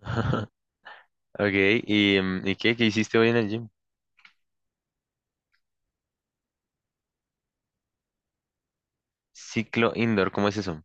Ok. ¿Y qué hiciste hoy en el gym? Ciclo indoor, ¿cómo es eso?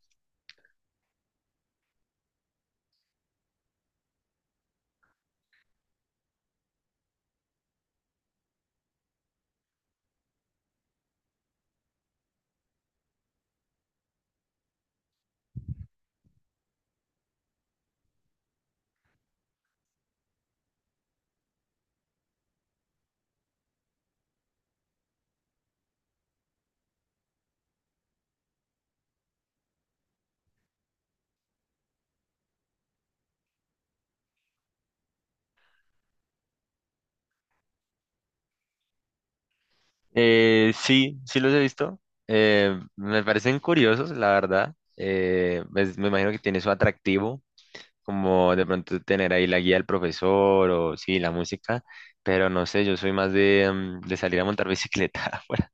Sí, sí los he visto. Me parecen curiosos, la verdad. Pues, me imagino que tiene su atractivo, como de pronto tener ahí la guía del profesor o sí, la música, pero no sé, yo soy más de, de salir a montar bicicleta afuera.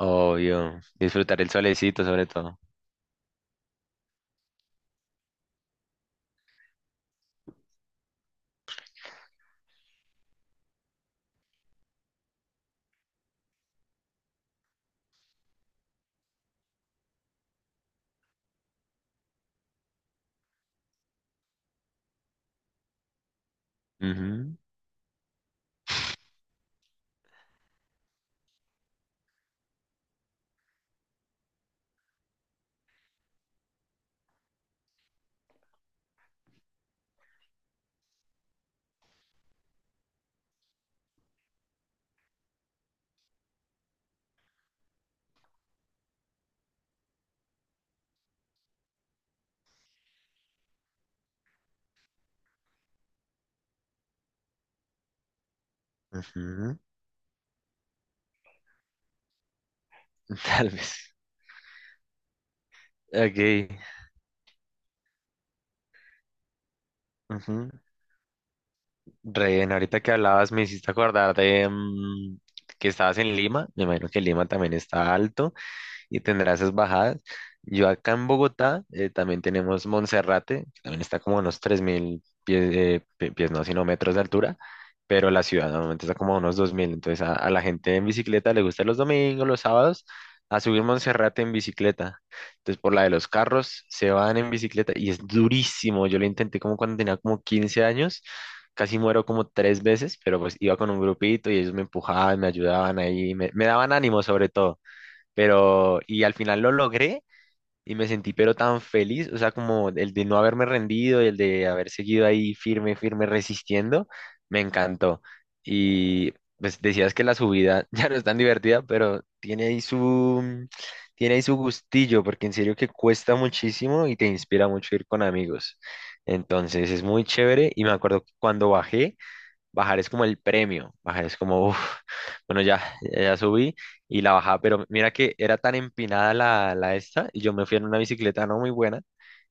Obvio, disfrutar el solecito sobre todo. Ujú, ujú, tal vez. Ok, ujú. Re ahorita que hablabas me hiciste acordar de que estabas en Lima. Me imagino que Lima también está alto y tendrá esas bajadas. Yo acá en Bogotá también tenemos Monserrate, que también está como a unos 3.000 pies, no, sino metros de altura, pero la ciudad normalmente está como a unos 2.000. Entonces a la gente en bicicleta le gusta los domingos, los sábados, a subir Monserrate en bicicleta. Entonces por la de los carros se van en bicicleta y es durísimo. Yo lo intenté como cuando tenía como 15 años. Casi muero como tres veces, pero pues iba con un grupito y ellos me empujaban, me ayudaban ahí, me daban ánimo sobre todo. Pero, y al final lo logré y me sentí pero tan feliz, o sea, como el de no haberme rendido y el de haber seguido ahí firme, firme, resistiendo, me encantó. Y pues decías que la subida ya no es tan divertida, pero tiene ahí su, tiene ahí su gustillo, porque en serio que cuesta muchísimo y te inspira mucho ir con amigos. Entonces es muy chévere y me acuerdo que cuando bajé. Bajar es como el premio, bajar es como, uf, bueno, ya, ya subí y la bajaba, pero mira que era tan empinada la esta y yo me fui en una bicicleta no muy buena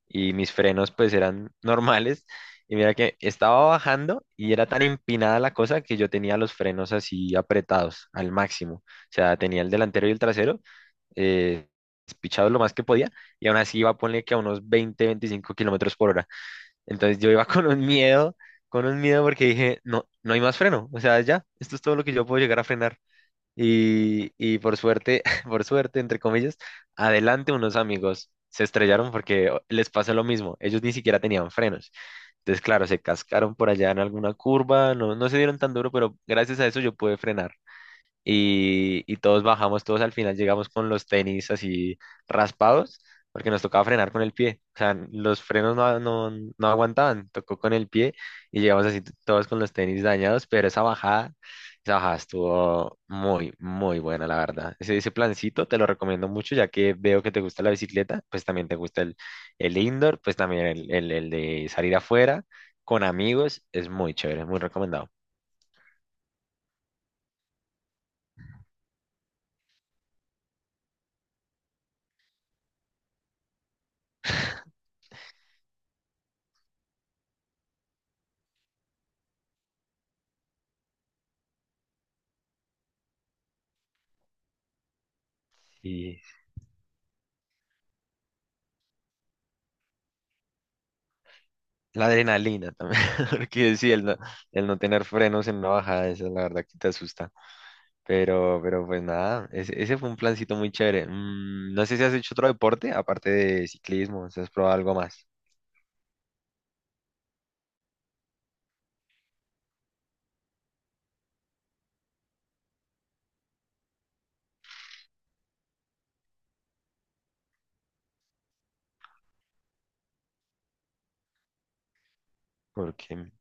y mis frenos pues eran normales y mira que estaba bajando y era tan empinada la cosa que yo tenía los frenos así apretados al máximo, o sea, tenía el delantero y el trasero eh, pichados lo más que podía y aún así iba a poner que a unos 20 25 kilómetros por hora. Entonces yo iba con un miedo porque dije, no, no hay más freno, o sea, ya, esto es todo lo que yo puedo llegar a frenar. Y por suerte, por suerte, entre comillas, adelante unos amigos se estrellaron porque les pasó lo mismo, ellos ni siquiera tenían frenos. Entonces, claro, se cascaron por allá en alguna curva, no, no se dieron tan duro, pero gracias a eso yo pude frenar y todos bajamos, todos al final llegamos con los tenis así raspados, porque nos tocaba frenar con el pie. O sea, los frenos no, no, no aguantaban, tocó con el pie y llegamos así todos con los tenis dañados, pero esa bajada estuvo muy, muy buena, la verdad. Ese plancito te lo recomiendo mucho, ya que veo que te gusta la bicicleta, pues también te gusta el indoor, pues también el de salir afuera. Con amigos es muy chévere, muy recomendado. La adrenalina también, porque sí, el no, tener frenos en una bajada, eso la verdad que te asusta. Pero pues nada, ese fue un plancito muy chévere. No sé si has hecho otro deporte, aparte de ciclismo, si has probado algo más. Porque.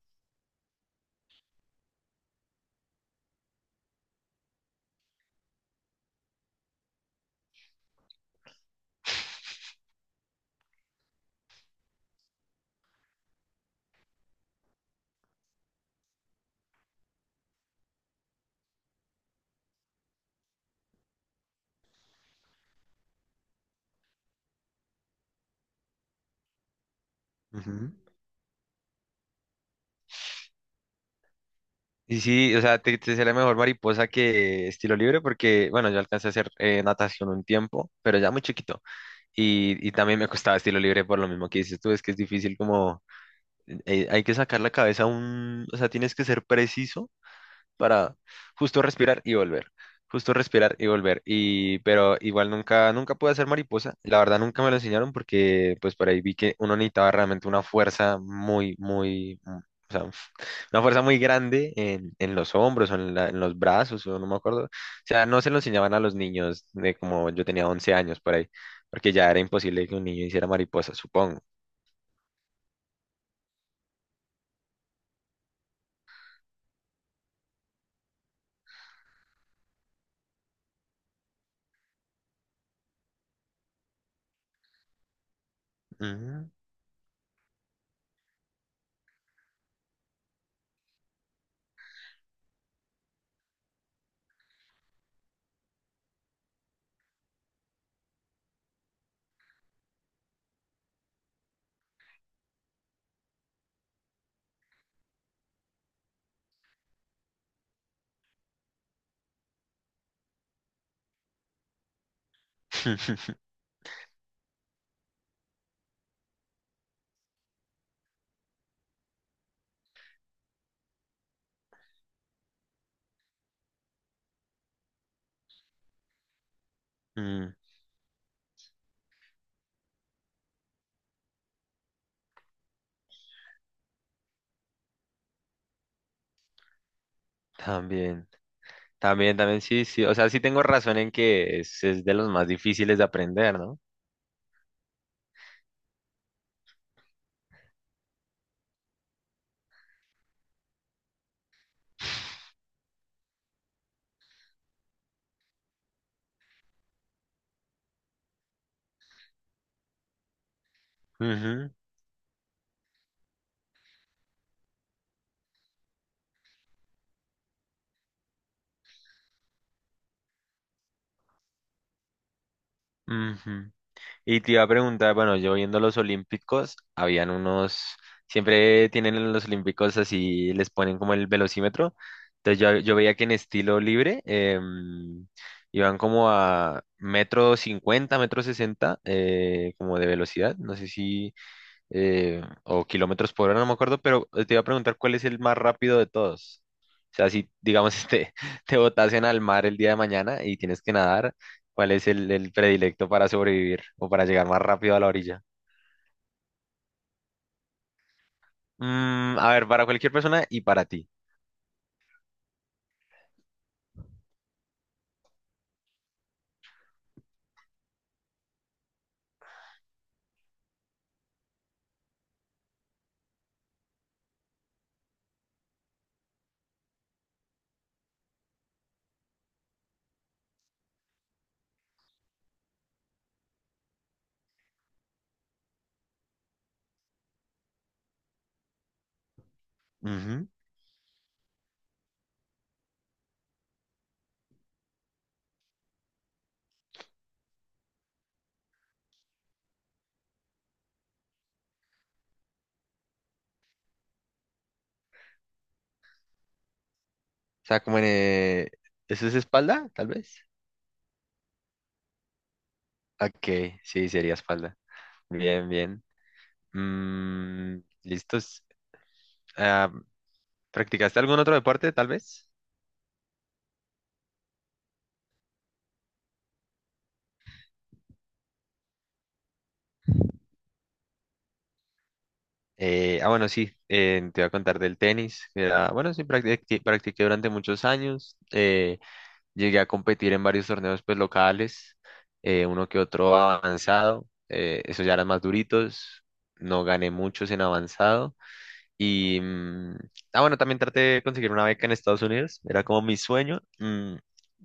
Ujú. Sí, o sea, te será mejor mariposa que estilo libre, porque, bueno, yo alcancé a hacer natación un tiempo, pero ya muy chiquito. Y también me costaba estilo libre por lo mismo que dices tú, es que es difícil como, hay que sacar la cabeza un, o sea, tienes que ser preciso para justo respirar y volver. Justo respirar y volver. Y, pero igual nunca, nunca pude hacer mariposa. La verdad nunca me lo enseñaron porque pues por ahí vi que uno necesitaba realmente una fuerza muy, muy, o sea, una fuerza muy grande en los hombros o en los brazos, o no me acuerdo. O sea, no se lo enseñaban a los niños de como yo tenía 11 años por ahí, porque ya era imposible que un niño hiciera mariposa, supongo. Ujú. Mm, también. También, también sí, sí. O sea, sí tengo razón en que es de los más difíciles de aprender, ¿no? Ujú, ujú. Y te iba a preguntar, bueno, yo viendo los olímpicos, habían unos, siempre tienen en los olímpicos así, les ponen como el velocímetro. Entonces yo, veía que en estilo libre iban como a metro cincuenta, metro sesenta, como de velocidad. No sé si o kilómetros por hora, no me acuerdo, pero te iba a preguntar cuál es el más rápido de todos. O sea, si digamos te botasen al mar el día de mañana y tienes que nadar, ¿cuál es el, predilecto para sobrevivir o para llegar más rápido a la orilla? A ver, para cualquier persona y para ti. Ujú. O sea, ¿eso es espalda, tal vez? Ok, sí, sería espalda. Bien, bien. Mm, ¿listos? Ah, ¿practicaste algún otro deporte, tal vez? Ah, bueno, sí, te voy a contar del tenis. Bueno, sí, practiqué durante muchos años. Llegué a competir en varios torneos pues, locales, uno que otro avanzado. Esos ya eran más duritos. No gané muchos en avanzado. Y, ah, bueno, también traté de conseguir una beca en Estados Unidos, era como mi sueño.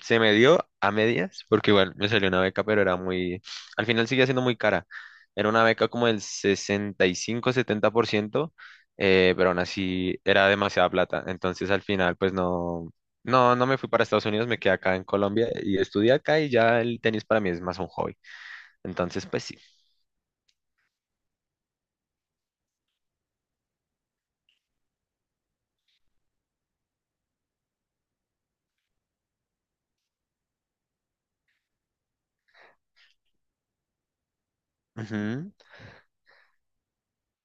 Se me dio a medias, porque igual me salió una beca, pero era muy, al final seguía siendo muy cara. Era una beca como del 65-70%, pero aún así era demasiada plata. Entonces al final, pues no, no, no me fui para Estados Unidos, me quedé acá en Colombia y estudié acá y ya el tenis para mí es más un hobby. Entonces, pues sí. Ujú.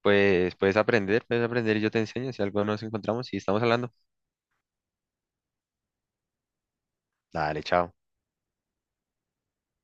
Pues puedes aprender y yo te enseño si algo nos encontramos y estamos hablando. Dale, chao.